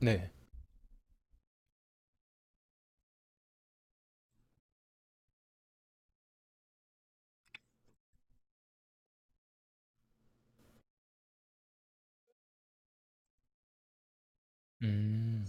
네. 음.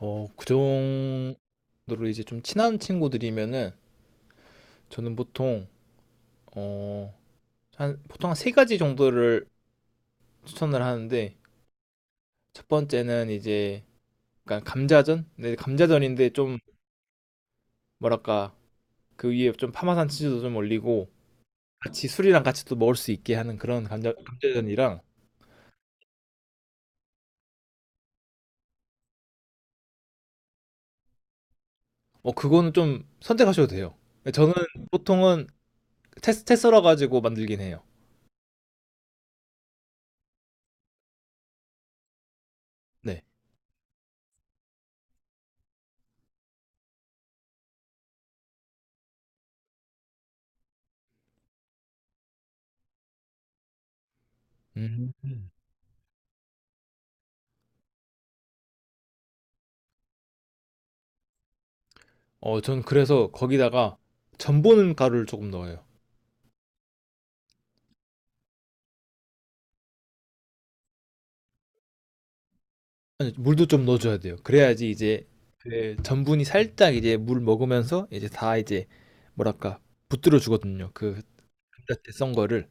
그 정도로 이제 좀 친한 친구들이면은 저는 보통 어 한 보통 한 3 가지 정도를 추천을 하는데 첫 번째는 이제 약간 감자전? 네 감자전인데 좀 뭐랄까 그 위에 좀 파마산 치즈도 좀 올리고 같이 술이랑 같이 또 먹을 수 있게 하는 그런 감자전이랑 그거는 좀 선택하셔도 돼요. 예 저는 보통은 채 썰어 가지고 만들긴 해요. 네. 음. 전 그래서 거기다가 전분 가루를 조금 넣어요. 아니, 물도 좀 넣어줘야 돼요. 그래야지 이제 그 전분이 살짝 이제 물 먹으면서 이제 다 이제 뭐랄까 붙들어 주거든요. 그 감자채 썬 거를.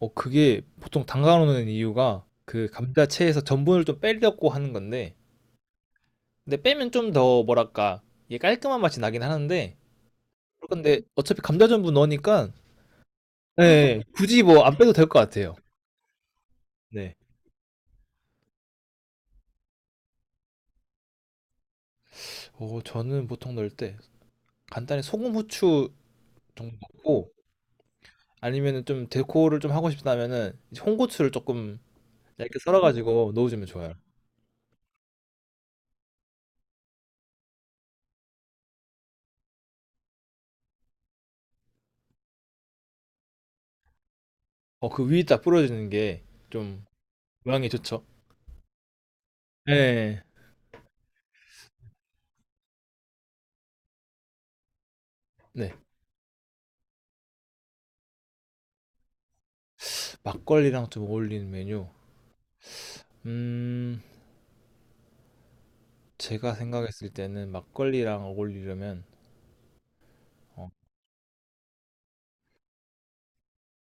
그게 보통 담가놓는 이유가 그 감자채에서 전분을 좀 빼려고 하는 건데, 근데 빼면 좀 더 뭐랄까 이게 깔끔한 맛이 나긴 하는데, 근데 어차피 감자 전분 넣으니까 네, 굳이 뭐 안 빼도 될 것 같아요. 네. 저는 보통 넣을 때 간단히 소금 후추 정도고 아니면은 좀 데코를 좀 하고 싶다면은 이제 홍고추를 조금 얇게 썰어가지고 넣어주면 좋아요. 그 위에 딱 뿌려주는 게 좀 모양이 좋죠. 네, 네. 막걸리랑 좀 어울리는 메뉴. 음, 제가 생각했을 때는 막걸리랑 어울리려면 어,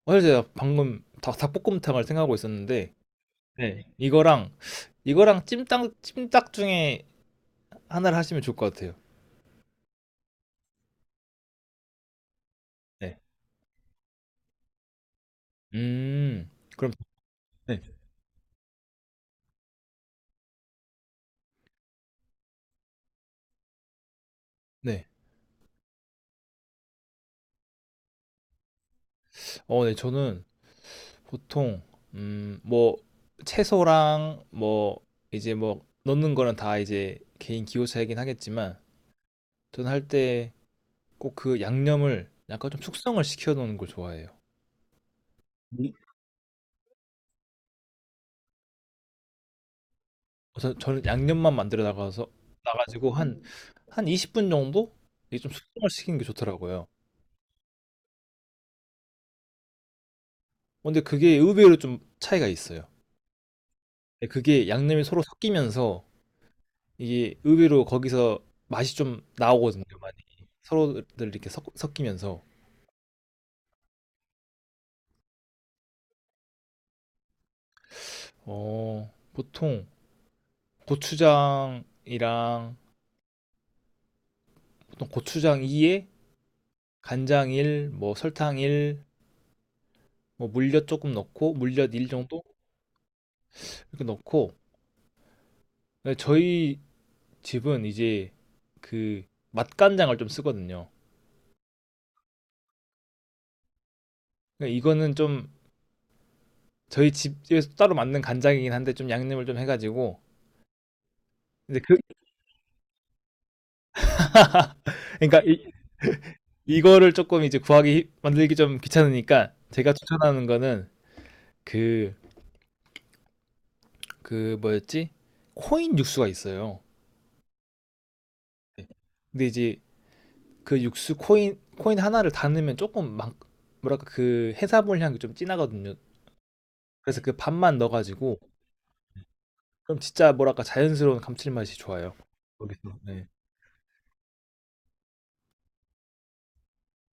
사실 제가 방금 닭볶음탕을 생각하고 있었는데 네, 이거랑 찜닭 중에 하나를 하시면 좋을 것 같아요. 네. 음, 그럼 네, 네. 네, 저는 보통 뭐 채소랑 뭐 이제 뭐 넣는 거는 다 이제 개인 기호 차이긴 하겠지만 저는 할 때 꼭 그 양념을 약간 좀 숙성을 시켜 놓는 걸 좋아해요. 음. 그래서 저는 양념만 만들어 나가서 나가지고 한 20분 정도 이게 좀 숙성을 시키는 게 좋더라고요. 근데 그게 의외로 좀 차이가 있어요. 근데 그게 양념이 서로 섞이면서 이게 의외로 거기서 맛이 좀 나오거든요, 많이. 서로들 이렇게 섞이면서. 어, 보통 고추장이랑 보통 고추장 2에 간장 1, 뭐 설탕 1, 뭐 물엿 조금 넣고 물엿 1 정도 이렇게 넣고 근데 저희 집은 이제 그 맛간장을 좀 쓰거든요. 그러니까 이거는 좀 저희 집에서 따로 만든 간장이긴 한데 좀 양념을 좀 해가지고 근데 그러니까 이거를 조금 이제 구하기 만들기 좀 귀찮으니까 제가 추천하는 거는 그 그 뭐였지? 코인 육수가 있어요. 네. 근데 이제 그 육수 코인 하나를 다 넣으면 조금 막 뭐랄까 그 해산물 향이 좀 진하거든요. 그래서 그 반만 넣어가지고 그럼 진짜 뭐랄까 자연스러운 감칠맛이 좋아요. 거기서 네.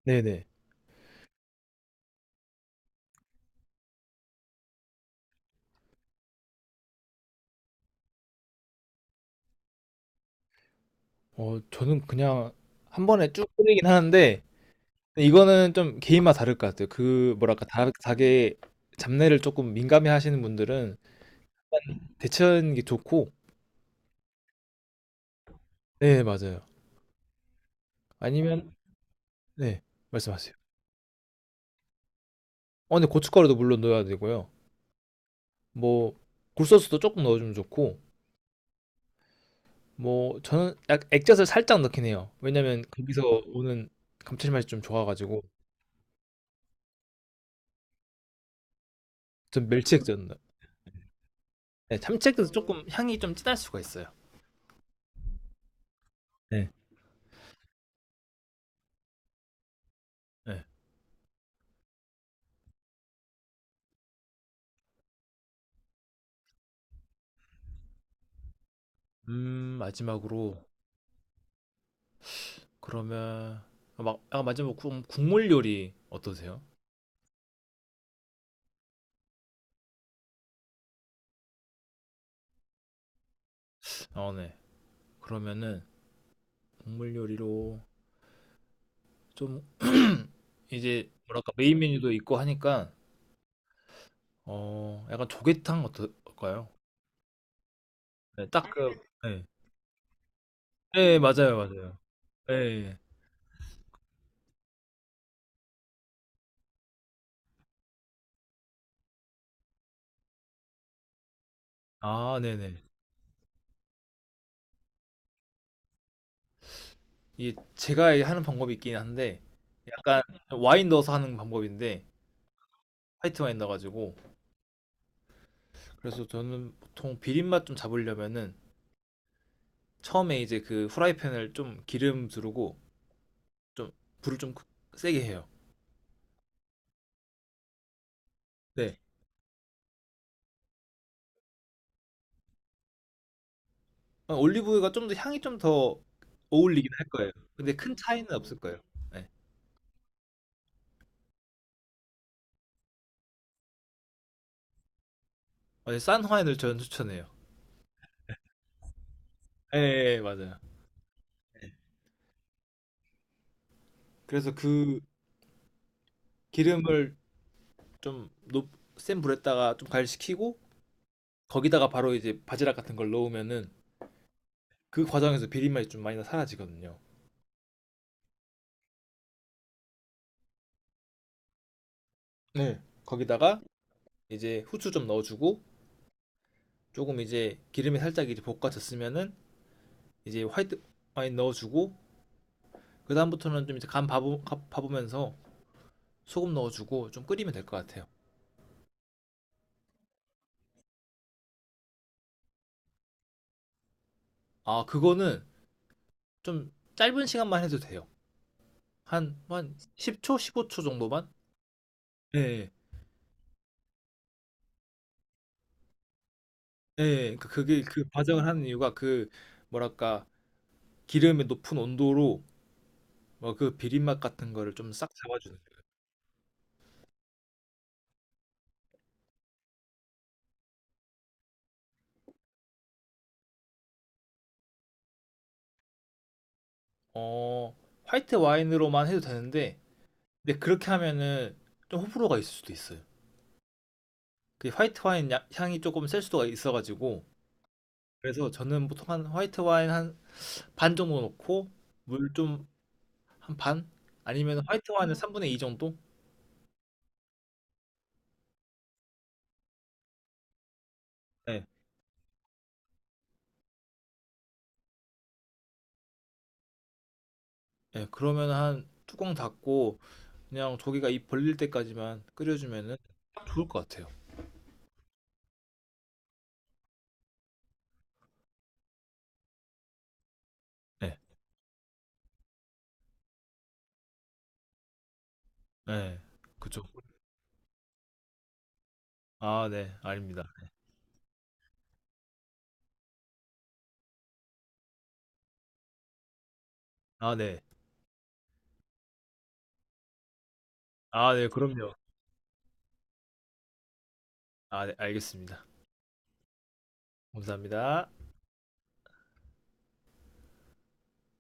네네. 저는 그냥 한 번에 쭉 끓이긴 하는데 이거는 좀 개인마다 다를 것 같아요. 그 뭐랄까 닭의 잡내를 조금 민감해 하시는 분들은 데치는 게 좋고 네 맞아요. 아니면 네 말씀하세요. 근데 고춧가루도 물론 넣어야 되고요. 뭐 굴소스도 조금 넣어주면 좋고 뭐 저는 약 액젓을 살짝 넣긴 해요. 왜냐면 거기서 오는 감칠맛이 좀 좋아가지고 전 멸치 액젓 넣어요. 네, 참치 액젓 조금 향이 좀 진할 수가 있어요. 네. 네. 마지막으로 그러면 마지막 국물 요리 어떠세요? 아 네. 그러면은 국물 요리로 좀 이제 뭐랄까 메인 메뉴도 있고 하니까 약간 조개탕 어떨까요? 네, 네. 네, 맞아요, 맞아요. 네. 아, 네네. 이게 제가 하는 방법이 있긴 한데, 약간 와인 넣어서 하는 방법인데, 화이트 와인 넣어가지고. 그래서 저는 보통 비린맛 좀 잡으려면은, 처음에 이제 그 후라이팬을 좀 기름 두르고, 좀, 불을 좀 세게 해요. 네. 올리브유가 좀 더 향이 좀 더 어울리긴 할 거예요. 근데 큰 차이는 없을 거예요. 네. 싼 와인을 저는 추천해요. 예, 예, 예, 맞아요. 그래서 그 기름을 좀높센 불에다가 좀 가열시키고 거기다가 바로 이제 바지락 같은 걸 넣으면은 그 과정에서 비린 맛이 좀 많이 다 사라지거든요. 네. 거기다가 이제 후추 좀 넣어주고 조금 이제 기름에 살짝 이제 볶아졌으면은 이제 화이트 와인 넣어주고 그 다음부터는 좀 이제 봐보면서 소금 넣어주고 좀 끓이면 될 것 같아요. 아 그거는 좀 짧은 시간만 해도 돼요. 한 10초, 15초 정도만? 예, 예. 예. 그러니까 그게 그 과정을 하는 이유가 그 뭐랄까 기름의 높은 온도로 뭐 그 비린맛 같은 거를 좀 싹 잡아주는 거예요. 어, 화이트 와인으로만 해도 되는데 근데 그렇게 하면은 좀 호불호가 있을 수도 있어요. 그 화이트 와인 향이 조금 셀 수도 있어가지고 그래서 저는 보통 한 화이트 와인 한 반 정도 넣고 물 좀 한 반? 아니면 화이트 와인은 3분의 2 정도? 네. 예, 그러면 한 뚜껑 닫고 그냥 조개가 입 벌릴 때까지만 끓여주면은 딱 좋을 것 같아요. 네. 네. 그죠. 아, 네. 아닙니다. 아 네. 아 네 그럼요. 아 네 알겠습니다. 감사합니다.